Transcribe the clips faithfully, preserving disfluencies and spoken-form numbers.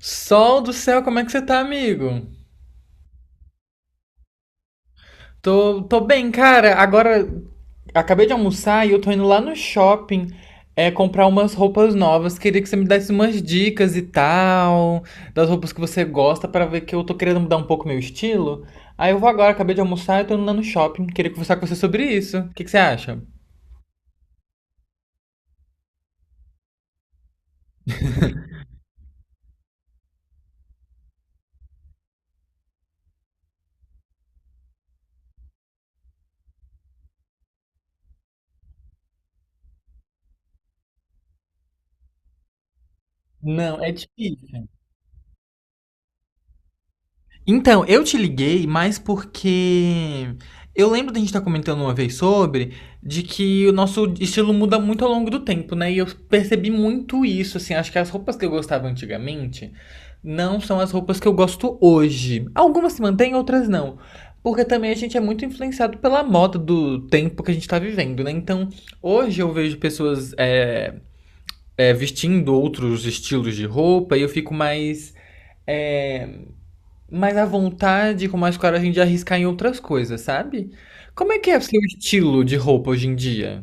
Sol do céu, como é que você tá, amigo? Tô, tô bem, cara. Agora acabei de almoçar e eu tô indo lá no shopping é, comprar umas roupas novas. Queria que você me desse umas dicas e tal, das roupas que você gosta, pra ver que eu tô querendo mudar um pouco meu estilo. Aí eu vou agora, acabei de almoçar e tô indo lá no shopping. Queria conversar com você sobre isso. O que que você acha? Não, é difícil. Então, eu te liguei mais porque eu lembro da gente estar comentando uma vez sobre de que o nosso estilo muda muito ao longo do tempo, né? E eu percebi muito isso, assim, acho que as roupas que eu gostava antigamente não são as roupas que eu gosto hoje. Algumas se mantêm, outras não. Porque também a gente é muito influenciado pela moda do tempo que a gente tá vivendo, né? Então, hoje eu vejo pessoas é, é, vestindo outros estilos de roupa e eu fico mais é, mais à vontade, com mais coragem de arriscar em outras coisas, sabe? Como é que é o seu estilo de roupa hoje em dia?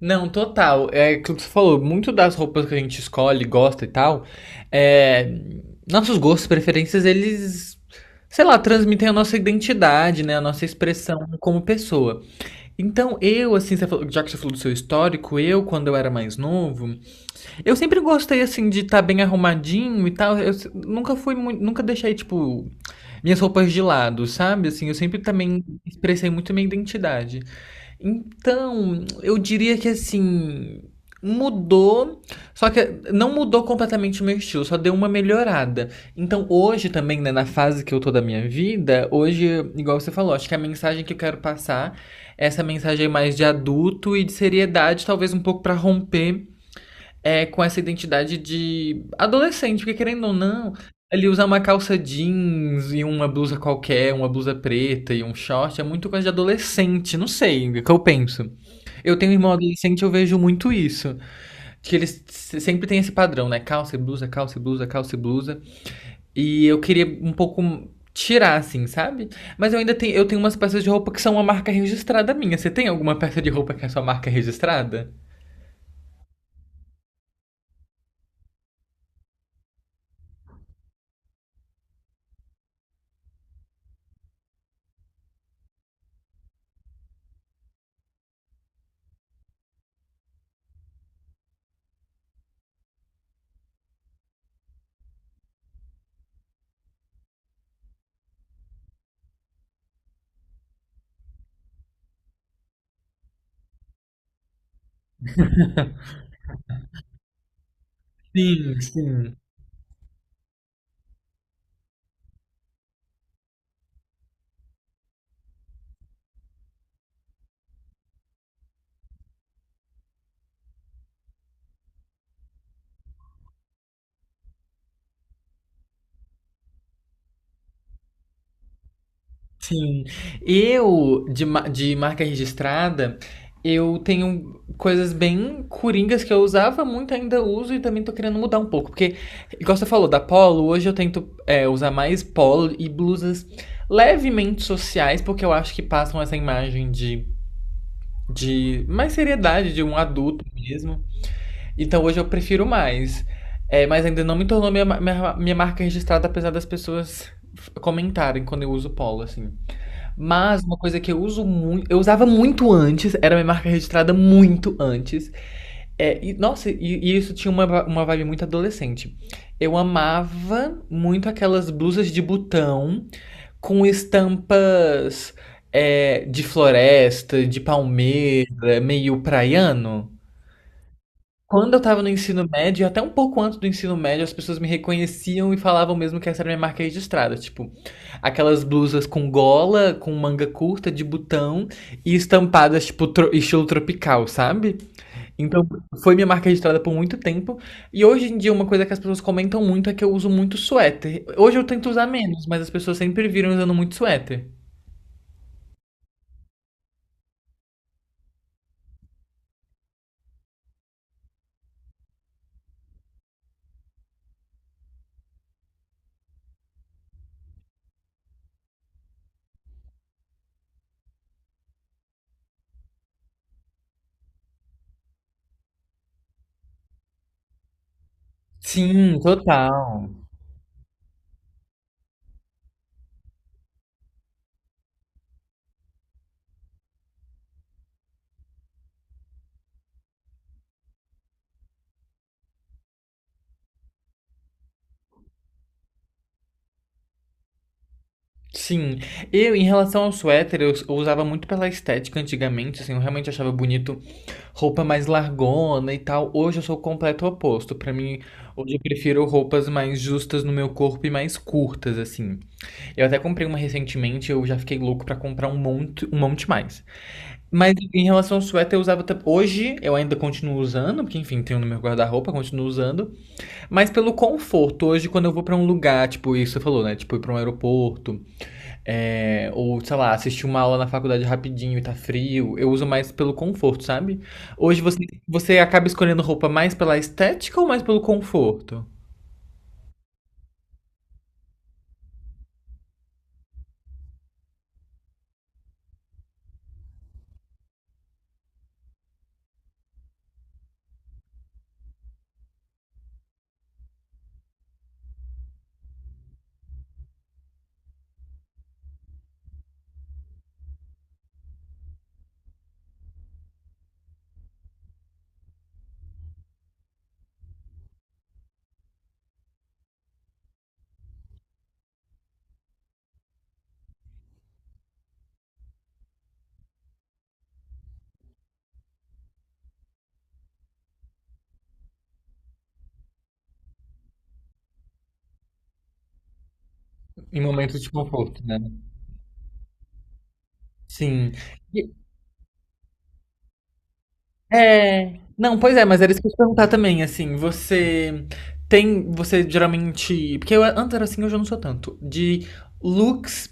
Não, total. É aquilo que você falou, muito das roupas que a gente escolhe, gosta e tal, é, nossos gostos, preferências, eles, sei lá, transmitem a nossa identidade, né? A nossa expressão como pessoa. Então, eu, assim, você falou- já que você falou do seu histórico, eu, quando eu era mais novo, eu sempre gostei, assim, de estar bem arrumadinho e tal. Eu se- Nunca fui muito, nunca deixei, tipo, minhas roupas de lado, sabe? Assim, eu sempre também expressei muito minha identidade. Então, eu diria que, assim, mudou, só que não mudou completamente o meu estilo, só deu uma melhorada. Então, hoje também, né, na fase que eu tô da minha vida, hoje, igual você falou, acho que a mensagem que eu quero passar é essa mensagem mais de adulto e de seriedade, talvez um pouco pra romper é, com essa identidade de adolescente, porque querendo ou não, ele usar uma calça jeans e uma blusa qualquer, uma blusa preta e um short, é muito coisa de adolescente, não sei, é o que eu penso. Eu tenho um irmão adolescente, eu vejo muito isso. Que eles se- sempre têm esse padrão, né? Calça e blusa, calça e blusa, calça e blusa. E eu queria um pouco tirar, assim, sabe? Mas eu ainda tenho, eu tenho umas peças de roupa que são uma marca registrada minha. Você tem alguma peça de roupa que é sua marca registrada? Sim, sim. Sim. Eu, de, ma- de marca registrada, eu tenho coisas bem coringas que eu usava muito, ainda uso e também tô querendo mudar um pouco. Porque, igual você falou, da polo, hoje eu tento é, usar mais polo e blusas levemente sociais, porque eu acho que passam essa imagem de, de mais seriedade, de um adulto mesmo. Então hoje eu prefiro mais. É, mas ainda não me tornou minha, ma- minha, minha marca registrada, apesar das pessoas f- comentarem quando eu uso polo, assim. Mas uma coisa que eu uso muito, eu usava muito antes, era minha marca registrada muito antes. É, e, nossa, e, e isso tinha uma, va- uma vibe muito adolescente. Eu amava muito aquelas blusas de botão com estampas é, de floresta, de palmeira, meio praiano. Quando eu estava no ensino médio, até um pouco antes do ensino médio, as pessoas me reconheciam e falavam mesmo que essa era minha marca registrada. Tipo, aquelas blusas com gola, com manga curta, de botão e estampadas, tipo, tro- estilo tropical, sabe? Então, foi minha marca registrada por muito tempo. E hoje em dia, uma coisa que as pessoas comentam muito é que eu uso muito suéter. Hoje eu tento usar menos, mas as pessoas sempre viram usando muito suéter. Sim, total. Sim, eu em relação ao suéter, eu, eu usava muito pela estética antigamente, assim, eu realmente achava bonito roupa mais largona e tal. Hoje eu sou o completo oposto. Pra mim, hoje eu prefiro roupas mais justas no meu corpo e mais curtas, assim. Eu até comprei uma recentemente, eu já fiquei louco pra comprar um monte, um monte mais. Mas em relação ao suéter, eu usava. tam- Hoje eu ainda continuo usando, porque enfim, tenho no meu guarda-roupa, continuo usando. Mas pelo conforto, hoje quando eu vou pra um lugar, tipo, isso você falou, né? Tipo, ir pra um aeroporto. É, ou, sei lá, assistir uma aula na faculdade rapidinho e tá frio. Eu uso mais pelo conforto, sabe? Hoje você, você acaba escolhendo roupa mais pela estética ou mais pelo conforto? Em momentos de conforto, né? Sim. E- É. Não, pois é, mas era isso que eu ia te perguntar também, assim, você tem, você geralmente, porque eu antes era assim, hoje eu não sou tanto, de looks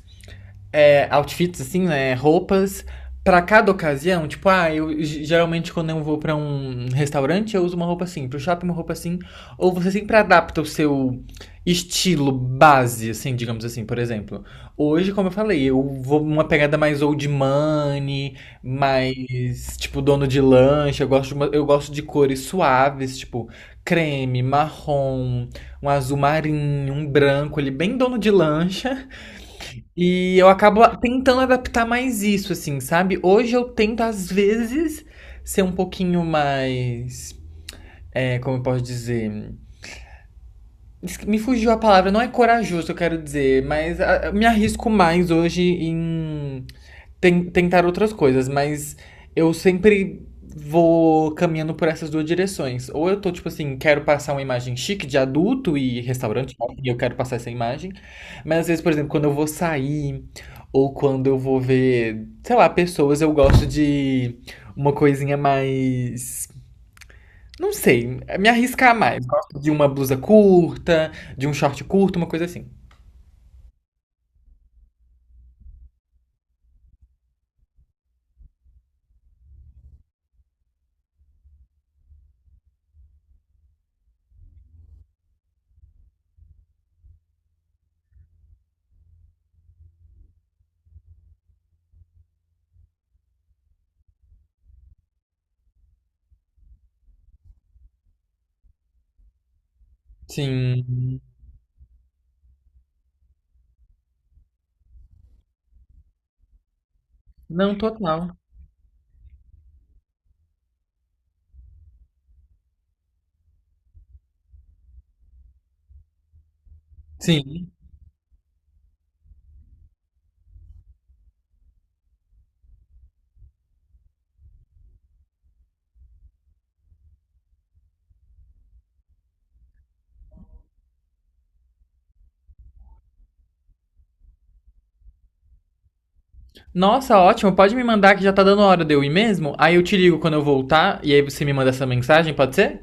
é, outfits, assim, né? Roupas pra cada ocasião. Tipo, ah, eu geralmente quando eu vou pra um restaurante, eu uso uma roupa assim. Pro shopping, uma roupa assim. Ou você sempre adapta o seu estilo base, assim, digamos assim, por exemplo. Hoje, como eu falei, eu vou uma pegada mais old money, mais, tipo, dono de lanche. Eu gosto, de uma- eu gosto de cores suaves, tipo, creme, marrom, um azul marinho, um branco, ele é bem dono de lancha. E eu acabo a tentando adaptar mais isso, assim, sabe. Hoje eu tento, às vezes, ser um pouquinho mais, eh, como eu posso dizer? Esq me fugiu a palavra, não é corajoso eu quero dizer, mas a me arrisco mais hoje em ten- tentar outras coisas, mas eu sempre vou caminhando por essas duas direções. Ou eu tô, tipo assim, quero passar uma imagem chique de adulto e restaurante, e eu quero passar essa imagem. Mas às vezes, por exemplo, quando eu vou sair, ou quando eu vou ver, sei lá, pessoas, eu gosto de uma coisinha mais. Não sei, me arriscar mais. Gosto de uma blusa curta, de um short curto, uma coisa assim. Sim. Não, total. Sim. Nossa, ótimo. Pode me mandar que já tá dando hora de eu ir mesmo? Aí eu te ligo quando eu voltar e aí você me manda essa mensagem, pode ser?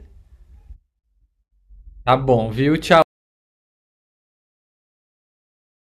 Tá bom, viu? Tchau.